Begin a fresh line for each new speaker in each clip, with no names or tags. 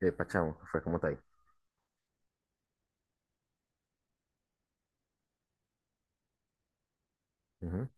Pachamo, que fue, como está ahí? Ujú.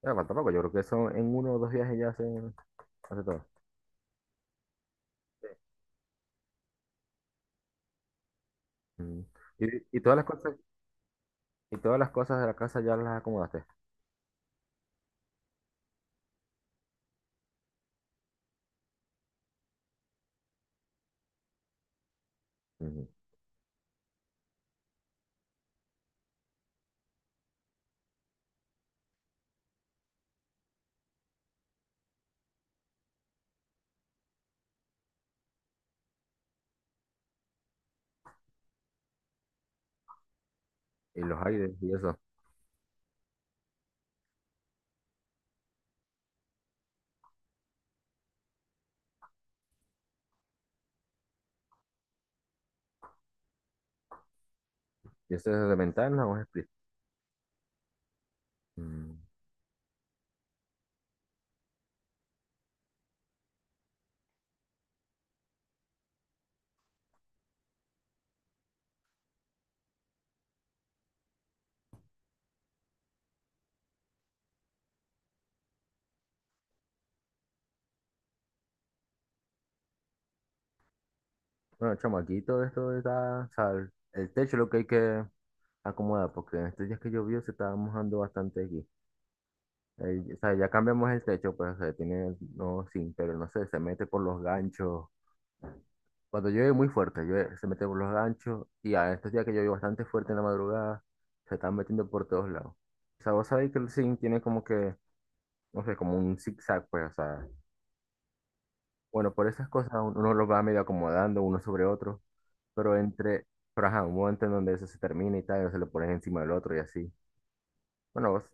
Pero falta poco, yo creo que son en uno o dos viajes ya hace, hace todo. Ujú. Y todas las cosas, y todas las cosas de la casa ya las acomodaste. Ujú. Y los aires y eso. ¿Y eso es de ventana o es split? Mm. Bueno, chamo, aquí todo esto está, o sea, el techo es lo que hay que acomodar, porque en estos días que llovió se estaba mojando bastante aquí. O sea, ya cambiamos el techo, pues, o sea, tiene, no, sin, pero no sé, se mete por los ganchos. Cuando llueve muy fuerte, llueve, se mete por los ganchos y a estos días que llueve bastante fuerte en la madrugada, se están metiendo por todos lados. O sea, vos sabéis que el zinc tiene como que, no sé, como un zigzag, pues, o sea, bueno, por esas cosas uno los va medio acomodando uno sobre otro, pero entre, pero ajá, un momento en donde eso se termina y tal, se lo pones encima del otro y así. Bueno, vos,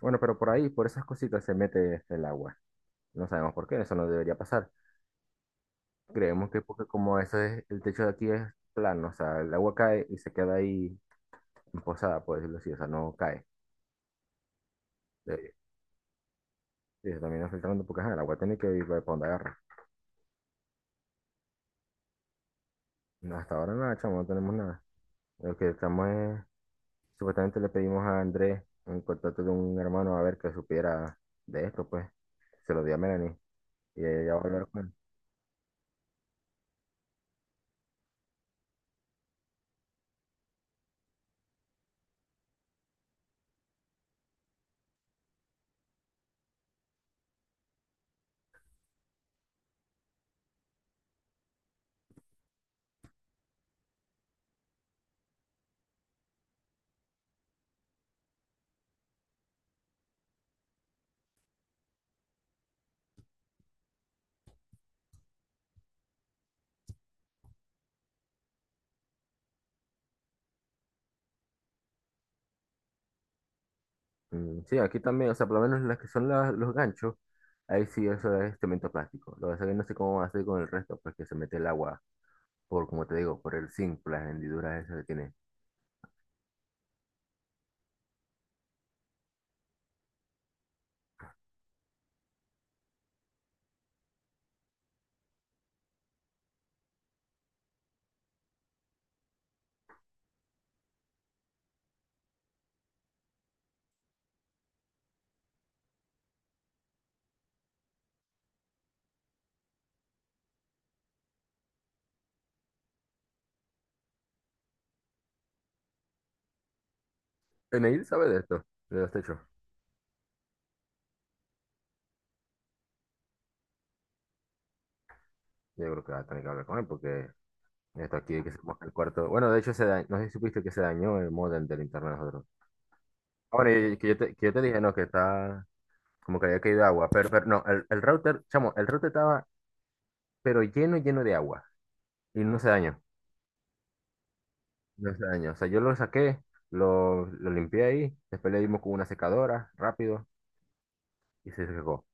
bueno, pero por ahí, por esas cositas se mete este, el agua. No sabemos por qué, eso no debería pasar. Creemos que porque como eso es, el techo de aquí es plano, o sea, el agua cae y se queda ahí posada, por decirlo así, o sea, no cae. Eh, eso también afecta tanto porque ajá, el agua tiene que ir para donde agarra. No, hasta ahora nada, chamo, no tenemos nada. Lo que estamos es, supuestamente le pedimos a Andrés un contacto de un hermano a ver que supiera de esto, pues. Se lo di a Melanie y ella va a hablar con él. Mm, sí, aquí también, o sea, por lo menos las que son los ganchos, ahí sí eso es cemento plástico. Lo que pasa es que no sé cómo va a hacer con el resto, pues que se mete el agua por, como te digo, por el zinc, por las hendiduras esas que tiene. Eneil sabe de esto, de los techos. Yo creo que va a tener que hablar con él porque esto aquí que se moja el cuarto. Bueno, de hecho, no sé si supiste que se dañó el modem del internet de nosotros. Ahora, que yo te dije, no, que está como que había caído agua, pero no, el router, chamo, el router estaba pero lleno, lleno de agua y no se dañó, no se dañó. O sea, yo lo saqué, lo limpié ahí, después le dimos con una secadora rápido y se secó.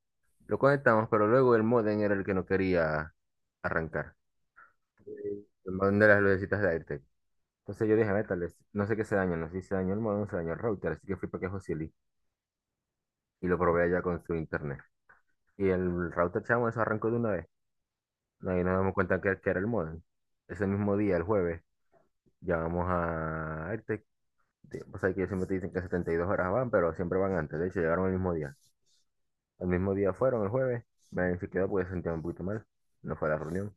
Lo conectamos, pero luego el modem era el que no quería arrancar. El modem de las lucecitas de aire. Entonces yo dije, métales, no sé qué se dañó, no sé si se dañó el modem, se dañó el router, así que fui para que Josili y lo probé allá con su internet. Y el router, chamo, eso arrancó de una vez. Ahí nos damos cuenta que era el modem. Ese mismo día, el jueves, llamamos a Airtec. O sea, que ellos siempre te dicen que 72 horas van, pero siempre van antes. De hecho, llegaron el mismo día. El mismo día fueron, el jueves. Me verificado porque se sentía un poquito mal. No fue a la reunión.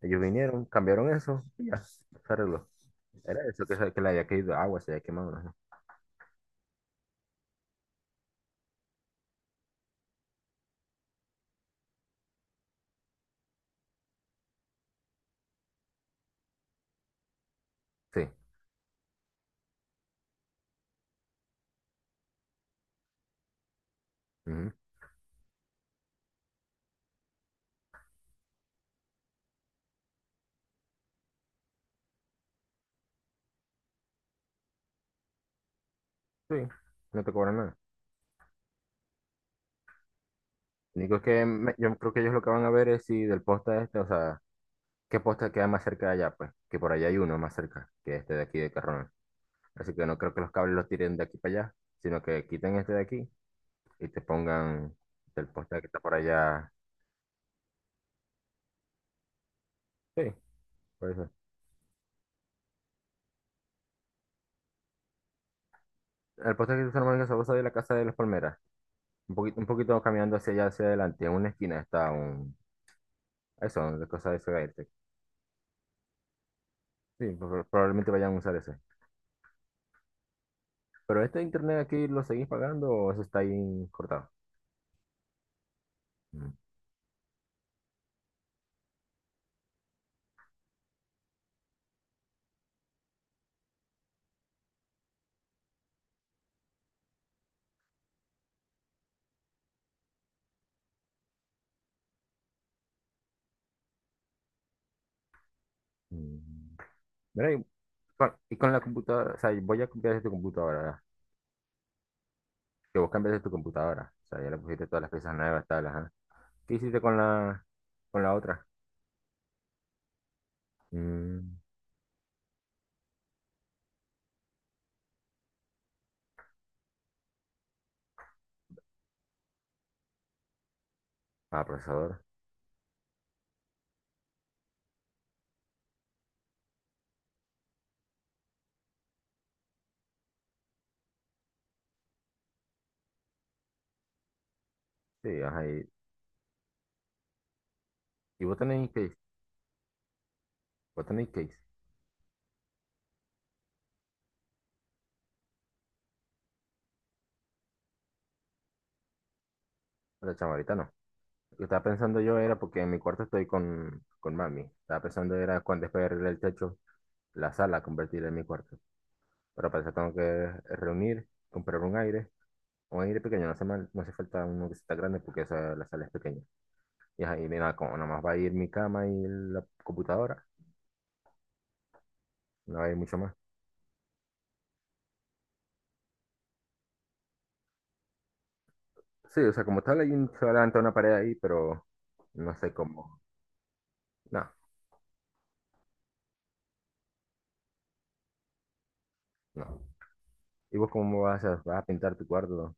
Ellos vinieron, cambiaron eso y ya, se arregló. Era eso, que, que le había caído agua, se había quemado, no sé. Sí. Ujú. Sí, no te cobran nada. Lo único es que yo creo que ellos lo que van a ver es si del poste este, o sea, qué poste queda más cerca de allá, pues, que por allá hay uno más cerca que este de aquí de Carrón. Así que no creo que los cables los tiren de aquí para allá, sino que quiten este de aquí y te pongan del poste que está por allá. Sí, por eso. El poste que se normal en Gasosa de la Casa de las Palmeras. Un poquito caminando hacia allá, hacia adelante. En una esquina está un... Eso, de cosas de ese gaite. Sí, probablemente vayan a usar ese. Pero este internet aquí lo seguís pagando o eso está ahí cortado. Mm, mm. Mira, y con la computadora, o sea, voy a cambiar de tu computadora, ¿verdad? Que vos cambiaste tu computadora, o sea, ya le pusiste todas las piezas nuevas, tal, ajá. ¿Qué hiciste con la otra? Mm, ah, procesador, sí, ajá, y vos tenés case, la chama, ahorita no. Lo que estaba pensando yo era porque en mi cuarto estoy con mami, estaba pensando era cuando después de arreglar el techo, la sala, convertirla en mi cuarto, pero para eso tengo que reunir, comprar un aire pequeño, no hace mal, no hace falta uno que sea grande porque esa, la sala es pequeña. Y es ahí, mira, como nada más va a ir mi cama y la computadora, no va a ir mucho más. Sí, o sea, como tal, hay un, se va a levantar una pared ahí, pero no sé cómo. No, no. ¿Y vos cómo vas a, vas a pintar tu cuarto?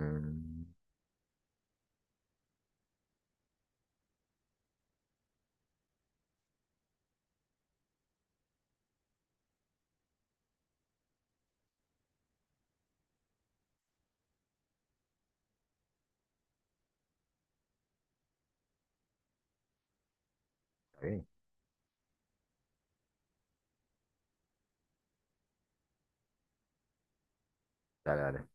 Mm, está bien, dale, dale.